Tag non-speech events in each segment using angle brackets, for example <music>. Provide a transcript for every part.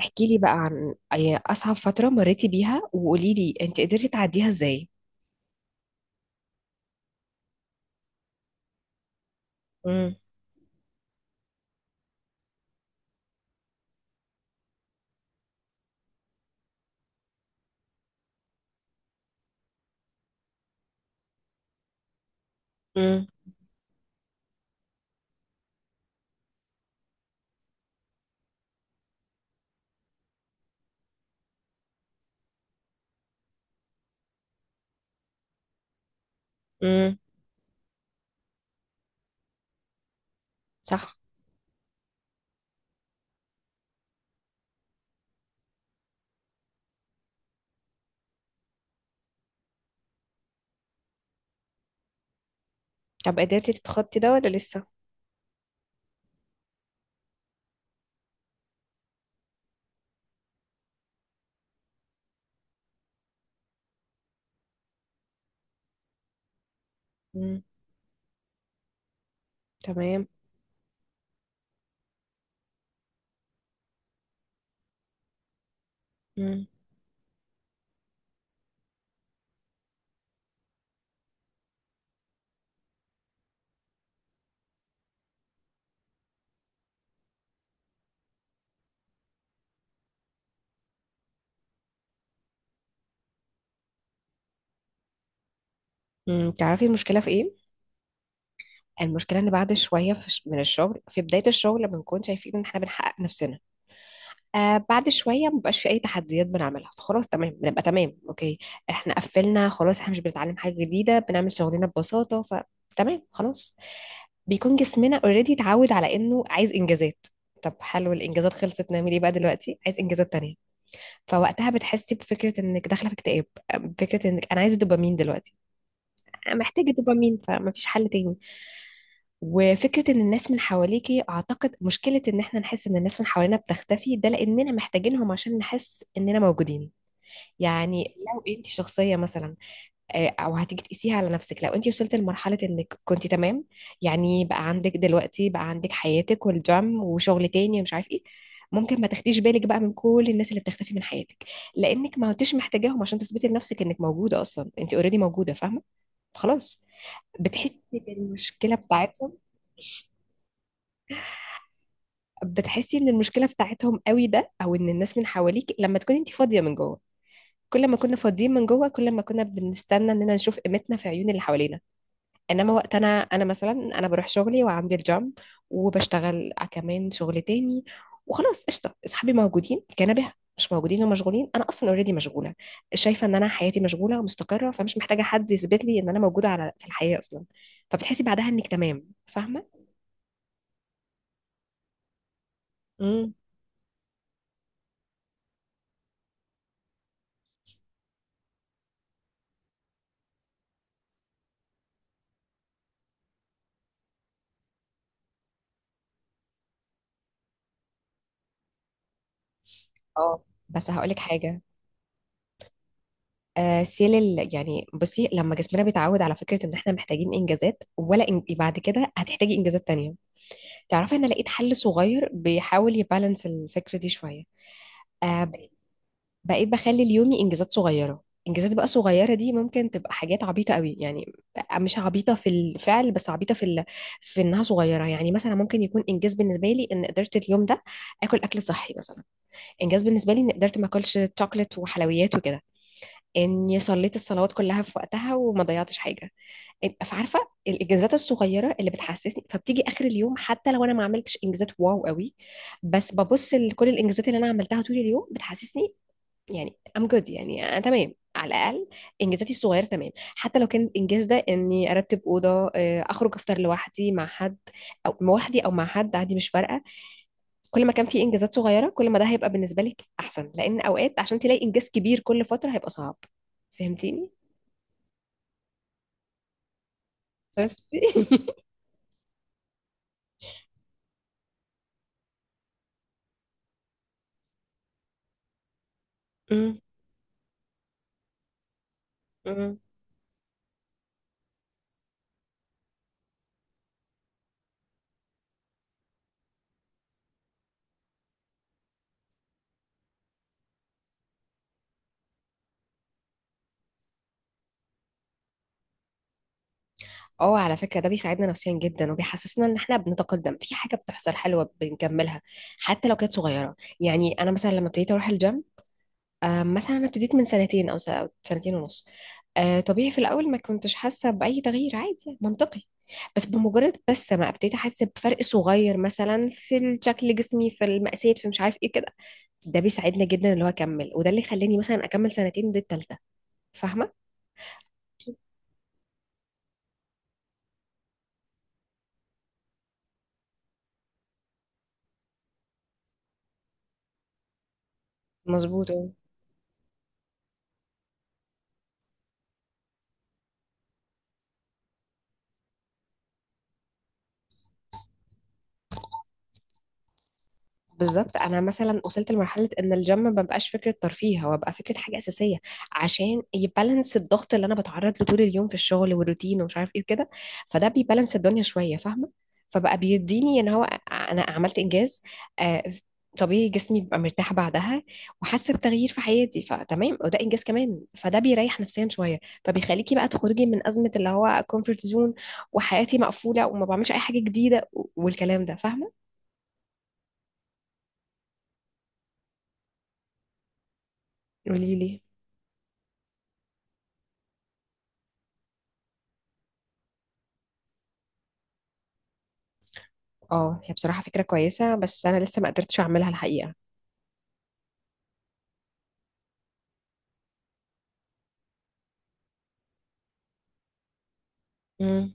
احكي لي بقى عن أي أصعب فترة مريتي بيها وقولي لي أنت قدرتي تعديها إزاي؟ امم. امم. امم. صح. طب قدرتي تتخطي ده ولا لسه؟ امم. تمام. امم. امم. تعرفي المشكلة في إيه؟ المشكلة إن بعد شوية من الشغل، في بداية الشغل بنكون شايفين إن إحنا بنحقق نفسنا. آه، بعد شويه مبقاش في اي تحديات بنعملها، فخلاص تمام، بنبقى تمام، اوكي، احنا قفلنا خلاص، احنا مش بنتعلم حاجه جديده، بنعمل شغلنا ببساطه فتمام خلاص. بيكون جسمنا اوريدي اتعود على انه عايز انجازات. طب حلو، الانجازات خلصت، نعمل ايه بقى دلوقتي؟ عايز انجازات تانية. فوقتها بتحسي بفكره انك داخله في اكتئاب، فكره انك انا عايزه دوبامين دلوقتي، أنا محتاجه دوبامين، فمفيش حل تاني. وفكرة ان الناس من حواليكي، اعتقد مشكلة ان احنا نحس ان الناس من حوالينا بتختفي ده لاننا محتاجينهم عشان نحس اننا موجودين. يعني لو انت شخصية مثلا، آه، او هتيجي تقيسيها على نفسك، لو انت وصلت لمرحلة انك كنت تمام، يعني بقى عندك دلوقتي بقى عندك حياتك والجيم وشغل تاني ومش عارف ايه، ممكن ما تاخديش بالك بقى من كل الناس اللي بتختفي من حياتك، لانك ما كنتش محتاجاهم عشان تثبتي لنفسك انك موجودة، اصلا انت اوريدي موجودة، فاهمة؟ خلاص. بتحسي بالمشكلة بتاعتهم، بتحسي ان المشكله بتاعتهم قوي ده، او ان الناس من حواليك، لما تكوني انت فاضيه من جوه. كل ما كنا فاضيين من جوه، كل ما كنا بنستنى اننا نشوف قيمتنا في عيون اللي حوالينا. انما وقت انا مثلا انا بروح شغلي وعندي الجام، وبشتغل كمان شغل تاني، وخلاص قشطه، اصحابي موجودين، كنبه مش موجودين ومشغولين، انا اصلا اوريدي مشغوله، شايفه ان انا حياتي مشغوله ومستقره، فمش محتاجه حد يثبت لي ان انا موجوده على في الحياه اصلا. فبتحسي بعدها انك تمام، فاهمه؟ امم. اه. بس هقولك حاجه. يعني بصي، لما جسمنا بيتعود على فكرة ان احنا محتاجين انجازات، ولا إن بعد كده هتحتاجي انجازات تانية. تعرفي انا لقيت حل صغير بيحاول يبالانس الفكرة دي شوية. آه، ب- بقيت بخلي اليومي انجازات صغيرة. انجازات بقى صغيرة دي ممكن تبقى حاجات عبيطة قوي، يعني مش عبيطة في الفعل، بس عبيطة في ال... في انها صغيرة. يعني مثلا ممكن يكون انجاز بالنسبة لي ان قدرت اليوم ده اكل اكل صحي مثلا، انجاز بالنسبة لي ان قدرت ما اكلش شوكليت وحلويات وكده، اني صليت الصلوات كلها في وقتها وما ضيعتش حاجه. إن فعارفه الانجازات الصغيره اللي بتحسسني، فبتيجي اخر اليوم حتى لو انا ما عملتش انجازات واو قوي، بس ببص لكل الانجازات اللي انا عملتها طول اليوم، بتحسسني يعني I'm good، يعني انا تمام على الاقل. انجازاتي الصغيره تمام، حتى لو كان الانجاز ده اني ارتب اوضه، آه، اخرج افطر لوحدي مع حد، او لوحدي او مع حد، عادي مش فارقه. كل ما كان في انجازات صغيره، كل ما ده هيبقى بالنسبه لك احسن، لان اوقات عشان تلاقي انجاز كبير كل فتره هيبقى صعب. فهمتيني؟ شفتي؟ <laughs> مم. مم. اه، على فكرة ده بيساعدنا نفسيا جدا، وبيحسسنا ان احنا بنتقدم في حاجة بتحصل حلوة بنكملها، حتى لو كانت صغيرة. يعني انا مثلا لما ابتديت اروح الجيم، آه، مثلا انا ابتديت من سنتين أو سنتين ونص، آه، طبيعي في الاول ما كنتش حاسة بأي تغيير، عادي منطقي، بس بمجرد بس ما ابتديت احس بفرق صغير مثلا في شكل جسمي في المقاسات في مش عارف ايه كده، ده بيساعدنا جدا اللي هو اكمل، وده اللي خلاني مثلا اكمل سنتين، ودي التالتة. فاهمة؟ مظبوط. بالظبط، انا مثلا وصلت لمرحله ان الجيم ما بقاش فكره ترفيه، هو بقى فكره حاجه اساسيه، عشان يبالانس الضغط اللي انا بتعرض له طول اليوم في الشغل والروتين ومش عارف ايه وكده، فده بيبالانس الدنيا شويه، فاهمه؟ فبقى بيديني ان هو انا عملت انجاز، آه، طبيعي جسمي بيبقى مرتاح بعدها، وحاسه بتغيير في حياتي فتمام، وده انجاز كمان، فده بيريح نفسيا شويه، فبيخليكي بقى تخرجي من ازمه اللي هو كومفورت زون، وحياتي مقفوله وما بعملش اي حاجه جديده والكلام ده، فاهمه؟ قولي لي. اه، هي بصراحة فكرة كويسة، بس أنا لسه ما قدرتش أعملها الحقيقة. مم.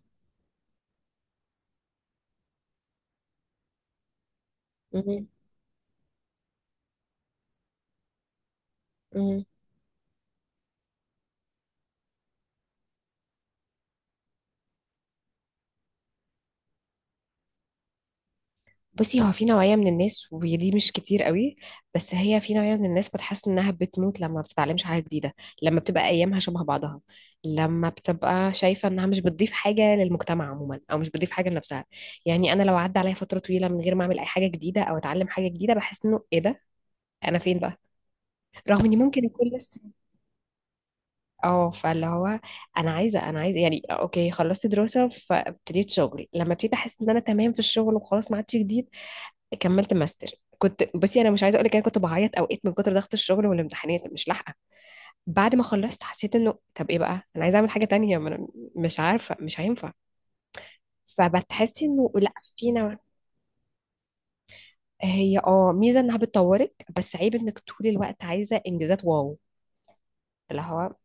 مم. مم. بصي، هو في نوعية من الناس، ودي مش كتير قوي، بس هي في نوعية من الناس بتحس إنها بتموت لما ما بتتعلمش حاجة جديدة، لما بتبقى أيامها شبه بعضها، لما بتبقى شايفة إنها مش بتضيف حاجة للمجتمع عموما، أو مش بتضيف حاجة لنفسها. يعني أنا لو عدى عليا فترة طويلة من غير ما أعمل أي حاجة جديدة أو أتعلم حاجة جديدة، بحس إنه إيه ده؟ أنا فين بقى؟ رغم إني ممكن أكون لسه. اه فاللي هو انا عايزه يعني اوكي خلصت دراسه فابتديت شغل، لما ابتديت احس ان انا تمام في الشغل وخلاص ما عادش جديد، كملت ماستر. كنت بصي انا مش عايزه اقول لك، انا كنت بعيط اوقات من كتر ضغط الشغل والامتحانات مش لاحقه. بعد ما خلصت حسيت انه طب ايه بقى، انا عايزه اعمل حاجه تانية، ما أنا مش عارفه مش هينفع. فبتحسي انه لا فينا. هي اه ميزه انها بتطورك، بس عيب انك طول الوقت عايزه انجازات واو، اللي هو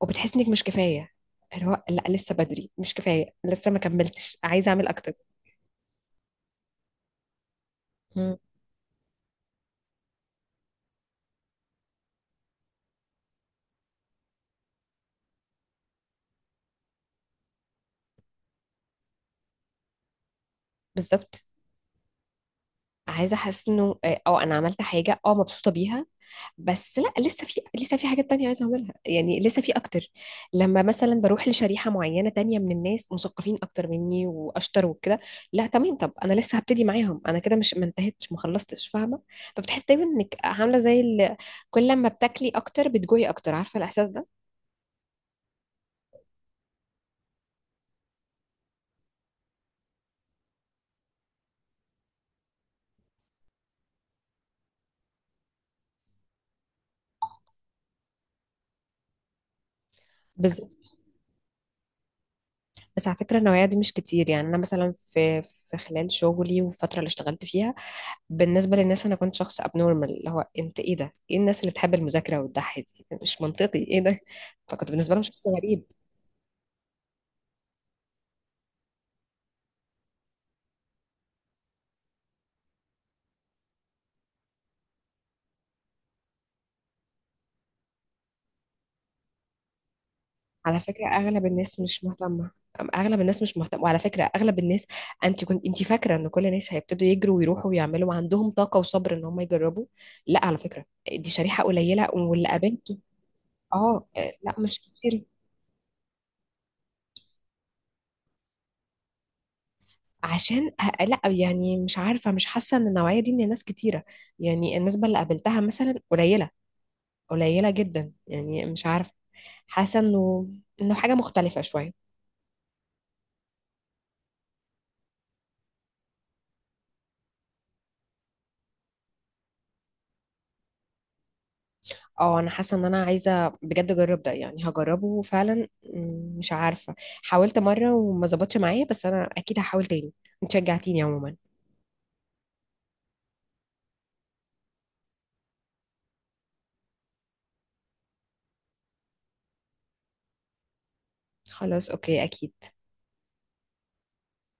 وبتحس انك مش كفايه، اللي هو لا لسه بدري مش كفايه، لسه ما كملتش، عايزه اعمل اكتر. مم. بالظبط. عايزه احس انه اه، آه، انا عملت حاجه اه مبسوطه بيها، بس لا لسه في لسه في حاجات تانية عايزه اعملها، يعني لسه في اكتر. لما مثلا بروح لشريحه معينه تانية من الناس مثقفين اكتر مني واشطر وكده، لا تمام طب انا لسه هبتدي معاهم، انا كده مش ما انتهتش ما خلصتش، فاهمه؟ فبتحس دايما انك عامله زي ال... كل لما بتاكلي اكتر بتجوعي اكتر، عارفه الاحساس ده؟ بس على فكرة النوعية دي مش كتير. يعني أنا مثلا في خلال شغلي والفترة اللي اشتغلت فيها، بالنسبة للناس أنا كنت شخص abnormal، اللي هو أنت إيه ده؟ إيه الناس اللي بتحب المذاكرة وتضحي دي؟ مش منطقي إيه ده؟ فكنت بالنسبة لهم شخص غريب. على فكرة أغلب الناس مش مهتمة، أغلب الناس مش مهتمة، وعلى فكرة أغلب الناس، أنت كنت أنت فاكرة إن كل الناس هيبتدوا يجروا ويروحوا ويعملوا وعندهم طاقة وصبر إن هم يجربوا، لا على فكرة دي شريحة قليلة، واللي قابلته. أه، آه، لا مش كتير. لا يعني مش عارفة، مش حاسة ان النوعية دي من الناس كتيرة، يعني النسبة اللي قابلتها مثلا قليلة، قليلة جدا، يعني مش عارفة، حاسة انه انه حاجة مختلفة شوية. اه انا حاسة ان انا عايزة بجد اجرب ده، يعني هجربه فعلا، مش عارفة حاولت مرة وما ظبطش معايا، بس انا اكيد هحاول تاني، انت شجعتيني عموما. خلاص اوكي اكيد.